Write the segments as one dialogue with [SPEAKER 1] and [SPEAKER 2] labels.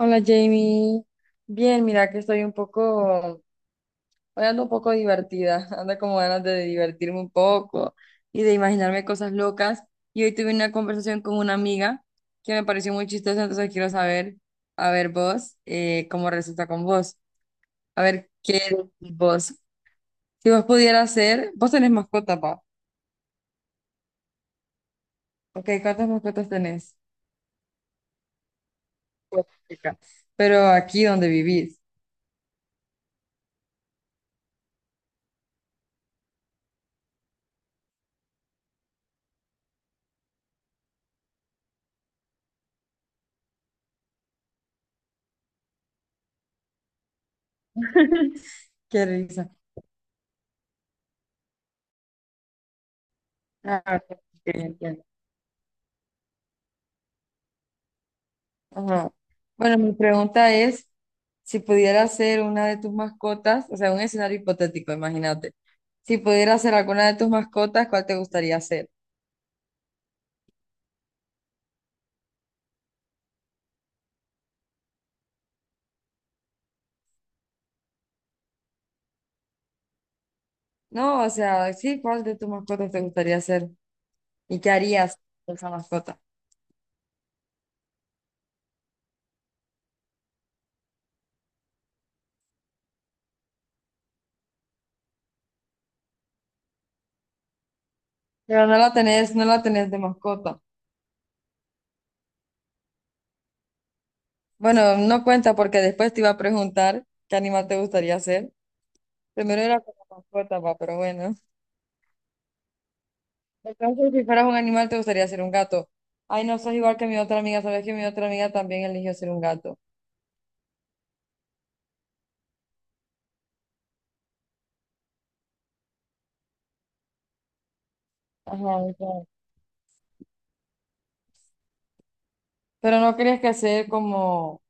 [SPEAKER 1] Hola Jamie, bien, mira que estoy un poco, hoy ando un poco divertida, ando como ganas de divertirme un poco y de imaginarme cosas locas. Y hoy tuve una conversación con una amiga que me pareció muy chistosa, entonces quiero saber, a ver vos, cómo resulta con vos. A ver, ¿qué decís vos? Si vos pudieras ser, vos tenés mascota, pa. Ok, ¿cuántas mascotas tenés? Cuatro, chica. Pero aquí donde vivís, qué risa. Ah, ok, ok, entiendo. Ajá. Bueno, mi pregunta es, si pudiera ser una de tus mascotas, o sea, un escenario hipotético, imagínate, si pudiera ser alguna de tus mascotas, ¿cuál te gustaría ser? No, o sea, sí, ¿cuál de tus mascotas te gustaría ser? ¿Y qué harías con esa mascota? Pero no la tenés, no la tenés de mascota. Bueno, no cuenta porque después te iba a preguntar qué animal te gustaría ser. Primero era como mascota, va, pero bueno. En caso de que fueras un animal, te gustaría ser un gato. Ay, no, sos igual que mi otra amiga. Sabes que mi otra amiga también eligió ser un gato. Ajá, o pero no crees que ser como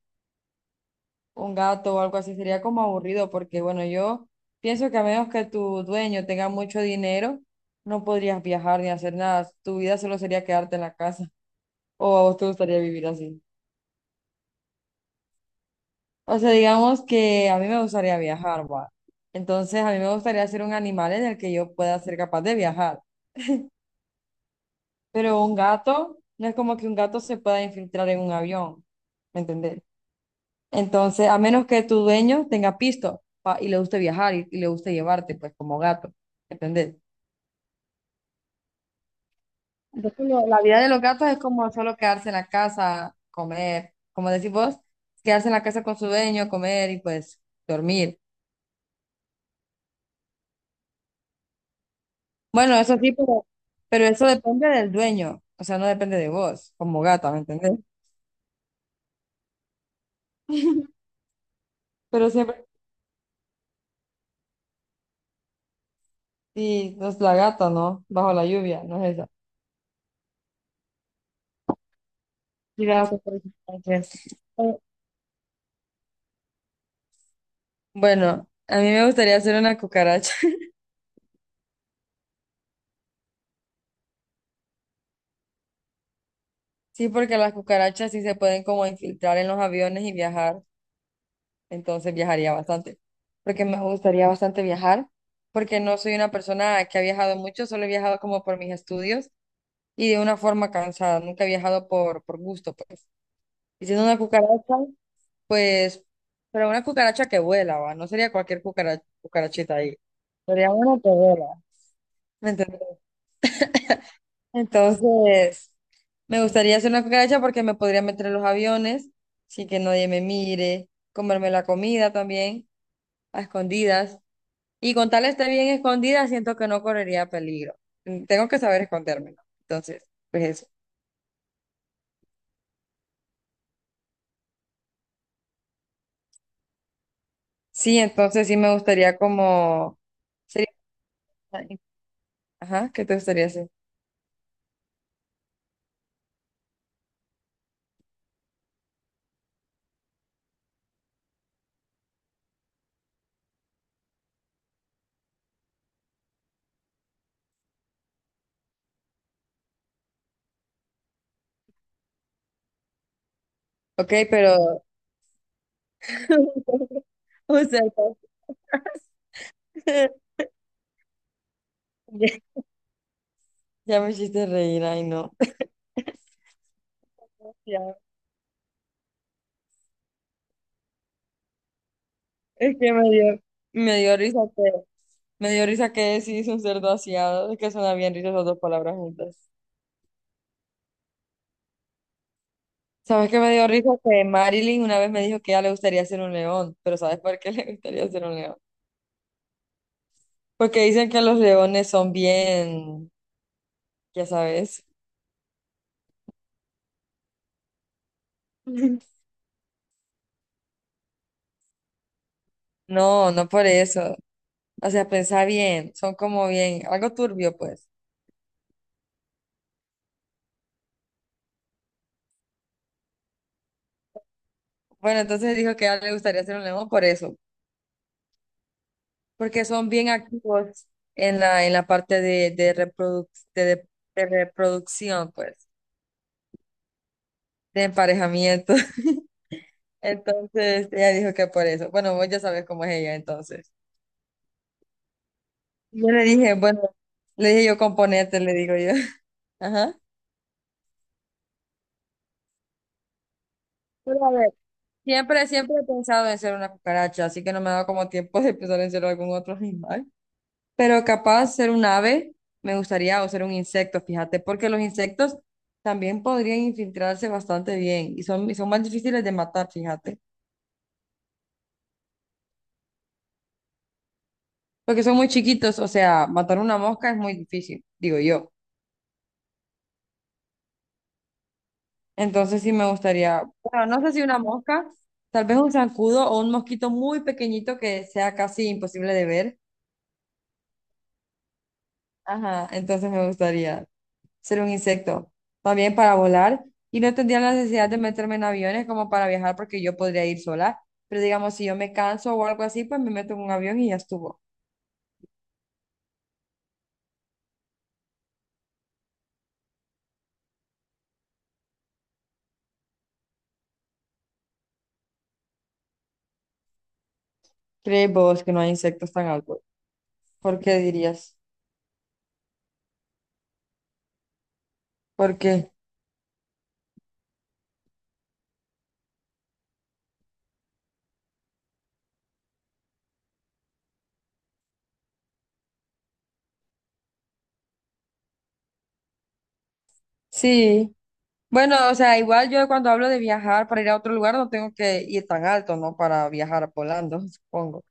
[SPEAKER 1] un gato o algo así sería como aburrido, porque bueno, yo pienso que a menos que tu dueño tenga mucho dinero, no podrías viajar ni hacer nada. Tu vida solo sería quedarte en la casa. ¿O a vos te gustaría vivir así? O sea, digamos que a mí me gustaría viajar, va. Entonces, a mí me gustaría ser un animal en el que yo pueda ser capaz de viajar. Pero un gato, no es como que un gato se pueda infiltrar en un avión, ¿me entendés? Entonces, a menos que tu dueño tenga pisto pa- y le guste viajar y le guste llevarte, pues como gato, ¿me entendés? Entonces, lo- la vida de los gatos es como solo quedarse en la casa, comer, como decís vos, quedarse en la casa con su dueño, comer y pues dormir. Bueno, eso sí, pero eso depende del dueño, o sea, no depende de vos como gata, ¿me entendés? Pero siempre, y es la gata, ¿no? Bajo la lluvia, no es eso. Gracias por sus Eh, bueno, a mí me gustaría hacer una cucaracha. Sí, porque las cucarachas sí se pueden como infiltrar en los aviones y viajar, entonces viajaría bastante. Porque me gustaría bastante viajar, porque no soy una persona que ha viajado mucho, solo he viajado como por mis estudios y de una forma cansada, nunca he viajado por gusto, pues. Y siendo una cucaracha, pues, pero una cucaracha que vuela, va, no sería cualquier cucara- cucarachita ahí, sería una que vuela, ¿me entiendes? Entonces... Me gustaría hacer una cucaracha porque me podría meter en los aviones sin que nadie me mire, comerme la comida también a escondidas. Y con tal esté bien escondida, siento que no correría peligro. Mm, tengo que saber esconderme, ¿no? Entonces, pues eso. Sí, entonces sí me gustaría como... sería- Ajá, ¿qué te gustaría hacer? Ok, pero... Un cerdo. Ya, ya me hiciste reír, ay no. Ya, es que me dio risa. Me dio risa que sí hizo un cerdo aseado, es que suena bien risa esas dos palabras juntas. ¿Sabes qué me dio risa? Que Marilyn una vez me dijo que a ella le gustaría ser un león, pero ¿sabes por qué le gustaría ser un león? Porque dicen que los leones son bien, ya sabes. No, no por eso. O sea, pensá bien, son como bien, algo turbio, pues. Bueno, entonces dijo que a ella le gustaría ser un león por eso, porque son bien activos en la parte de reproduc- de de- de reproducción, pues, de emparejamiento. Entonces ella dijo que por eso. Bueno, vos ya sabes cómo es ella, entonces. Y yo le dije, bueno, le dije yo componente, le digo yo. Ajá. Pero a ver, siempre he pensado en ser una cucaracha, así que no me ha dado como tiempo de pensar en ser algún otro animal. Pero capaz ser un ave me gustaría o ser un insecto, fíjate, porque los insectos también podrían infiltrarse bastante bien y son más difíciles de matar, fíjate. Porque son muy chiquitos, o sea, matar una mosca es muy difícil, digo yo. Entonces sí me gustaría, bueno, no sé si una mosca, tal vez un zancudo o un mosquito muy pequeñito que sea casi imposible de ver. Ajá, entonces me gustaría ser un insecto, también para volar y no tendría la necesidad de meterme en aviones como para viajar porque yo podría ir sola, pero digamos, si yo me canso o algo así, pues me meto en un avión y ya estuvo. ¿Crees vos que no hay insectos tan altos? ¿Por qué dirías? Porque sí. Bueno, o sea, igual yo cuando hablo de viajar para ir a otro lugar no tengo que ir tan alto, ¿no? Para viajar a Polando, supongo.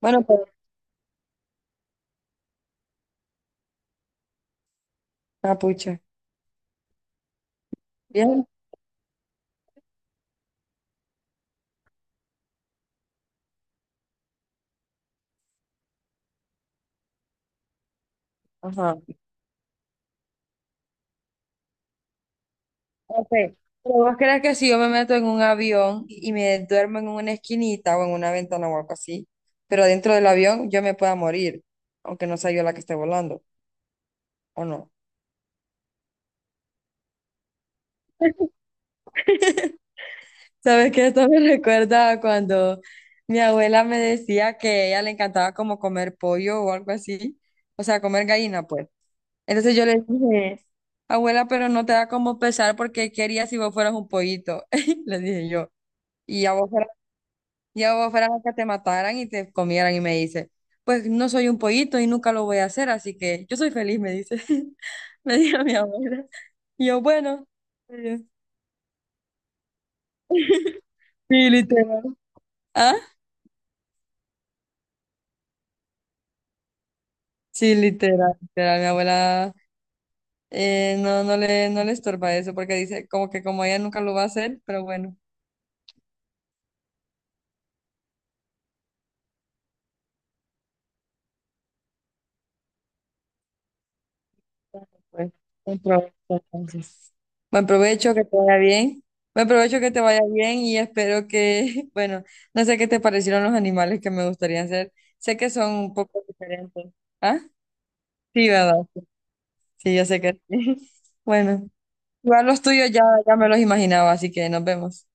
[SPEAKER 1] Bueno, pues, capucha. Bien. Ajá. Ok. Pero vos crees que si yo me meto en un avión y me duermo en una esquinita o en una ventana o algo así, pero dentro del avión yo me pueda morir, aunque no sea yo la que esté volando, ¿o no? ¿Sabes qué? Esto me recuerda a cuando mi abuela me decía que a ella le encantaba como comer pollo o algo así, o sea, comer gallina, pues. Entonces yo le dije, abuela, pero no te da como pesar porque querías si vos fueras un pollito? Le dije yo. Y a vos fueras, y a vos fueras a que te mataran y te comieran. Y me dice, pues no soy un pollito y nunca lo voy a hacer, así que yo soy feliz, me dice. Me dijo mi abuela. Y yo, bueno. Está bien". Sí, literal. ¿Ah? Sí, literal, literal. Mi abuela no, no le estorba eso porque dice como que como ella nunca lo va a hacer, pero bueno. Bueno, pues, no hay entonces. Buen provecho, que te vaya bien. Buen provecho, que te vaya bien y espero que, bueno, no sé qué te parecieron los animales que me gustaría hacer. Sé que son un poco diferentes. ¿Ah? Sí, ¿verdad? Sí, yo sé que sí. Bueno, igual los tuyos ya me los imaginaba, así que nos vemos.